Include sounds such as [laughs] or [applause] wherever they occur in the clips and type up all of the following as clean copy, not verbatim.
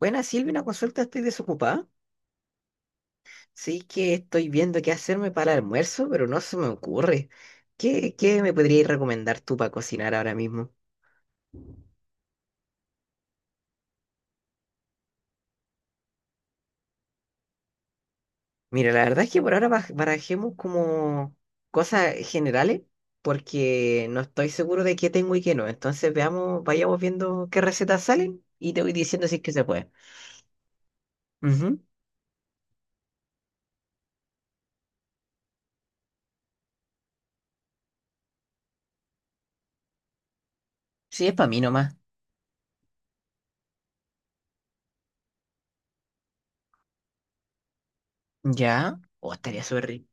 Buena, Silvia, una consulta, estoy desocupada. Sí que estoy viendo qué hacerme para el almuerzo, pero no se me ocurre. ¿Qué me podrías recomendar tú para cocinar ahora mismo? Mira, la verdad es que por ahora barajemos como cosas generales, porque no estoy seguro de qué tengo y qué no. Entonces veamos, vayamos viendo qué recetas salen y te voy diciendo si es que se puede. Ujú. Sí, es para mí nomás. Ya. O estaría súper rico.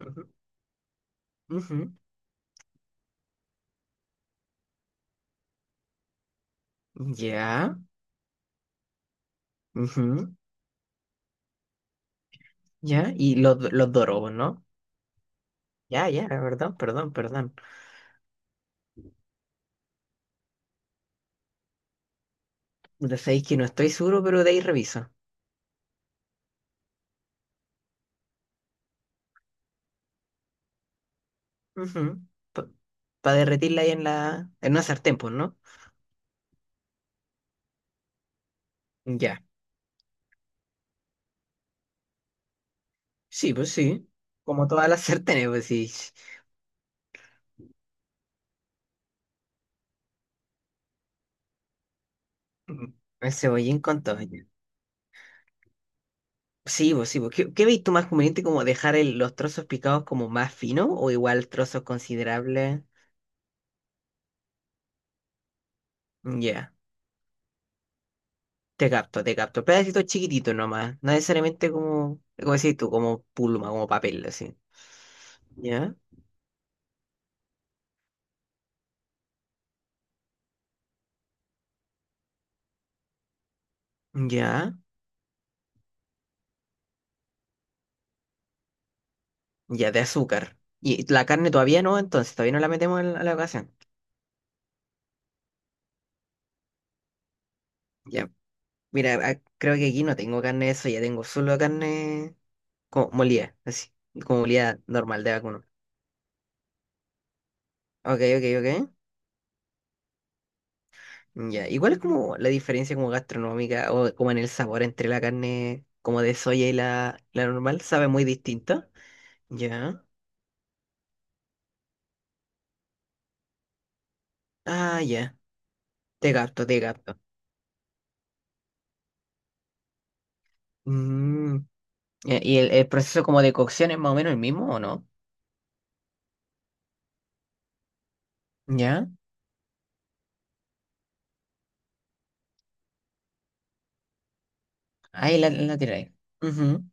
Ujú, ujú. Ya. ujú, ya. Y los dorobos, ¿no? Ya, ya, perdón, perdón, perdón. Lo sabéis que no estoy seguro, pero de ahí reviso. Para derretirla ahí en la. En una sartén, pues, ¿no? Ya. Sí, pues sí. Como todas las [laughs] sartenes, pues sí. Mm, el cebollín con todo, ya. Sí, pues sí, pues. ¿Qué veis tú más conveniente como dejar los trozos picados como más finos o igual trozos considerables? Mm, ya. Te capto, te capto. Pedacitos chiquititos nomás. No necesariamente como. Como decís tú, como pluma, como papel, así. Ya, ya. Ya, de azúcar. Y la carne todavía no, entonces todavía no la metemos en a la ocasión. Ya, mira, ah, creo que aquí no tengo carne de eso, ya tengo solo carne como molida, así, como molida normal de vacuno. Ok, ok, ok. Ya, igual es como la diferencia como gastronómica o como en el sabor entre la carne como de soya y la normal, sabe muy distinto. Ya. Ah, ya, te capto, te capto. Mm, ya. ¿Y el proceso como de cocción es más o menos el mismo o no? Ya. Ahí la tiráis. Ujú.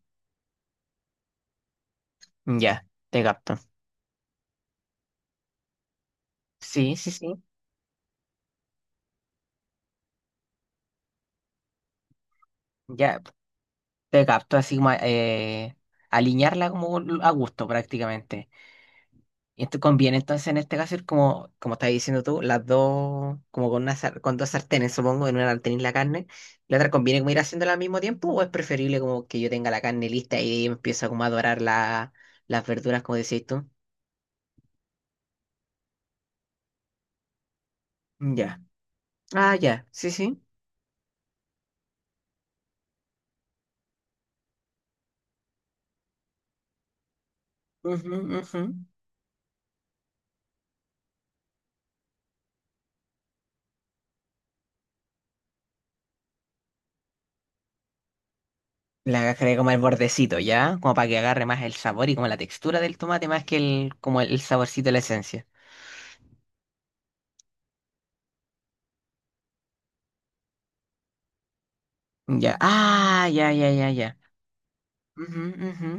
Ya, te capto. Sí, sí, sí. Ya, te capto así como alinearla como a gusto prácticamente. Y esto conviene entonces en este caso ir como estás diciendo tú, las dos, como con con dos sartenes, supongo, en una sartén la carne. ¿La otra conviene como ir haciéndola al mismo tiempo o es preferible como que yo tenga la carne lista y de ahí empiezo como a dorar las verduras como decís tú? Ya. Ah, ya. Sí, sí. Ujú, ujú. La agarré como el bordecito, ¿ya? Como para que agarre más el sabor y como la textura del tomate más que el saborcito de la esencia. Ya. Ah, ya, ya, ya, ya. Ujú, ujú.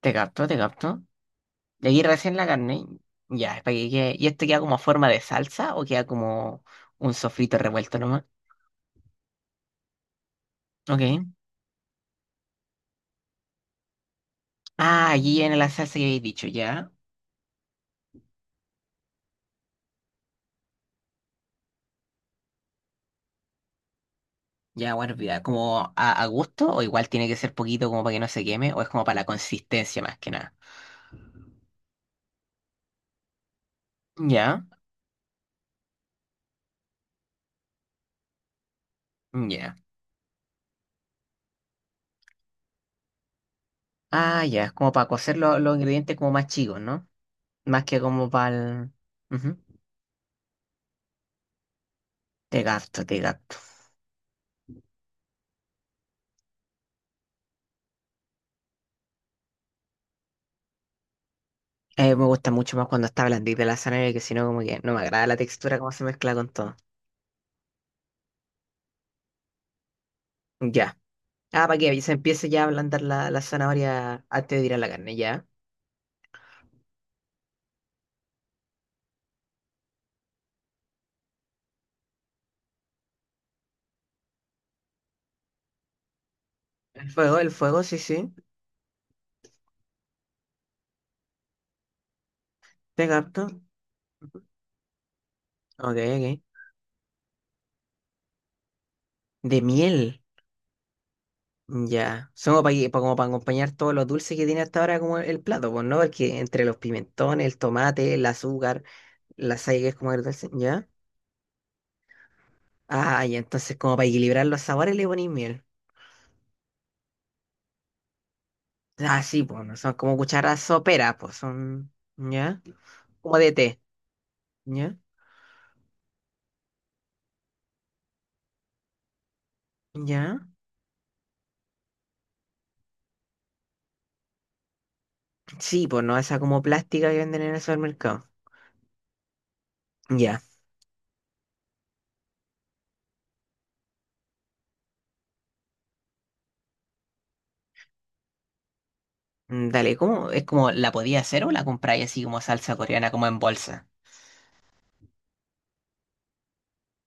Te capto, te capto. Y aquí recién la carne. Ya. es para que quede- ¿Y esto queda como forma de salsa o queda como un sofrito revuelto nomás? Ok. Ah, allí en la salsa que habéis dicho, ya. Ya, bueno, vida, como a gusto o igual tiene que ser poquito como para que no se queme o es como para la consistencia más que nada. Ya, ya. Ah, ya, es como para cocer los ingredientes como más chicos, ¿no? Más que como para el. Ujú. Te gasto, te gasto. Me gusta mucho más cuando está blandita la zanahoria, que si no, como que no me agrada la textura, cómo se mezcla con todo. Ya. Ah, para que se empiece ya a ablandar la zanahoria antes de tirar la carne, ya. El fuego, sí, sí. Te gasto. Ok, ok. De miel. Ya. Son como para acompañar todos los dulces que tiene hasta ahora como el plato, pues, ¿no? Porque entre los pimentones, el tomate, el azúcar, la sal que es como el dulce, ¿ya? Ah, y entonces como para equilibrar los sabores le ponéis miel. Ah, sí, pues no son como cucharas soperas, pues son, ¿ya? Como de té, ¿ya? ¿Ya? Sí, pues no, esa como plástica que venden en el supermercado. Ya. Mm, dale, ¿cómo? ¿Es como la podía hacer o la compráis así como salsa coreana, como en bolsa?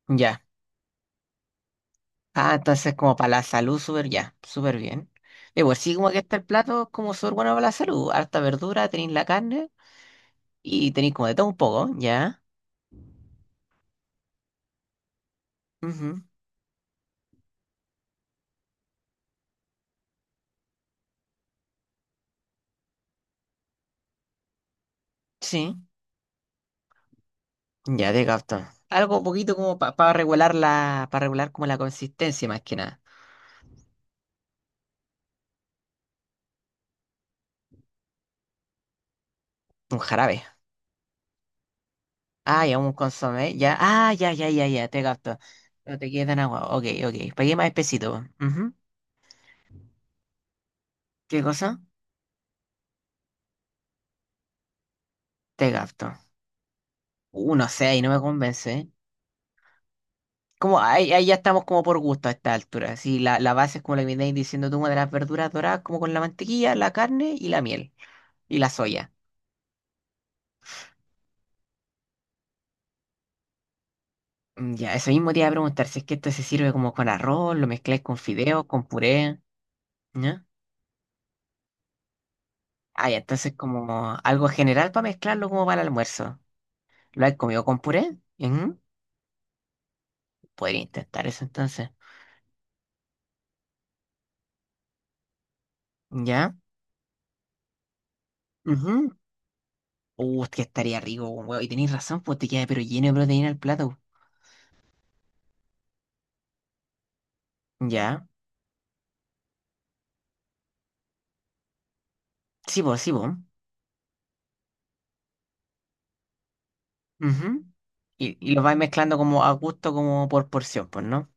Ya. Ah, entonces como para la salud, súper ya, súper bien. Y pues sí, como que este plato es como súper bueno para la salud. Harta verdura, tenéis la carne y tenéis como de todo un poco, ¿ya? Ujú, sí. Ya te capto. Algo poquito como para regular como la consistencia más que nada. Un jarabe. Ah, ya un consomé. Ya. Ah, ya, ya, ya, ya, te capto. No te queda en agua. Ok, ok. Pagué más espesito, po. Ujú. ¿Qué cosa? Te capto. No sé, ahí no me convence. ¿Eh? Como ahí ya estamos como por gusto a esta altura. Sí, la base es como la que me estáis diciendo tú, como de las verduras doradas, como con la mantequilla, la carne y la miel. Y la soya. Mm, ya, eso mismo te iba a preguntar si es que esto se sirve como con arroz, lo mezcláis con fideos, con puré. ¿Ya? Ah, ya, entonces como algo general para mezclarlo como para el almuerzo. ¿Lo has comido con puré? Ujú. Podría intentar eso entonces. ¿Ya? Ujú. Es que estaría rico, huevo. Y tenéis razón, pues te queda pero lleno de proteína el plato. ¿Ya? Sí, vos, sí, vos. Ujú. Y lo vais mezclando como a gusto, como por porción, pues, ¿no?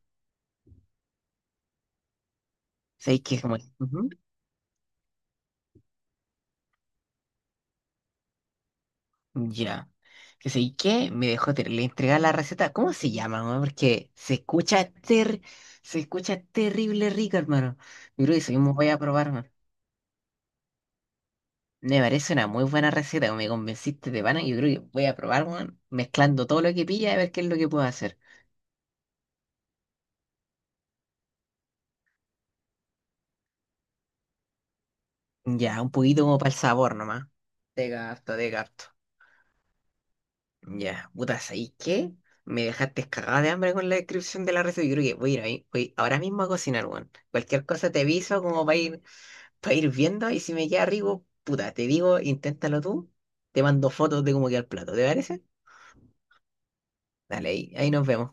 ¿Sabéis que es como? Ujú. Ya. Que sé que me dejó le entregaba la receta. ¿Cómo se llama, hermano? Porque se escucha ter se escucha terrible rico, hermano. Yo creo que eso mismo voy a probar, hermano. Me parece una muy buena receta, me convenciste de pana. Yo creo que voy a probar, hermano, mezclando todo lo que pilla a ver qué es lo que puedo hacer. Ya, un poquito como para el sabor nomás. De gato, de gato. Ya, puta, ¿sabes qué? Me dejaste cagada de hambre con la descripción de la receta. Yo creo que voy a ir ahí, voy ahora mismo a cocinar, weón. Cualquier cosa te aviso como para ir viendo y si me queda rico, puta, te digo, inténtalo tú, te mando fotos de cómo queda el plato, ¿te parece? Dale, ahí nos vemos.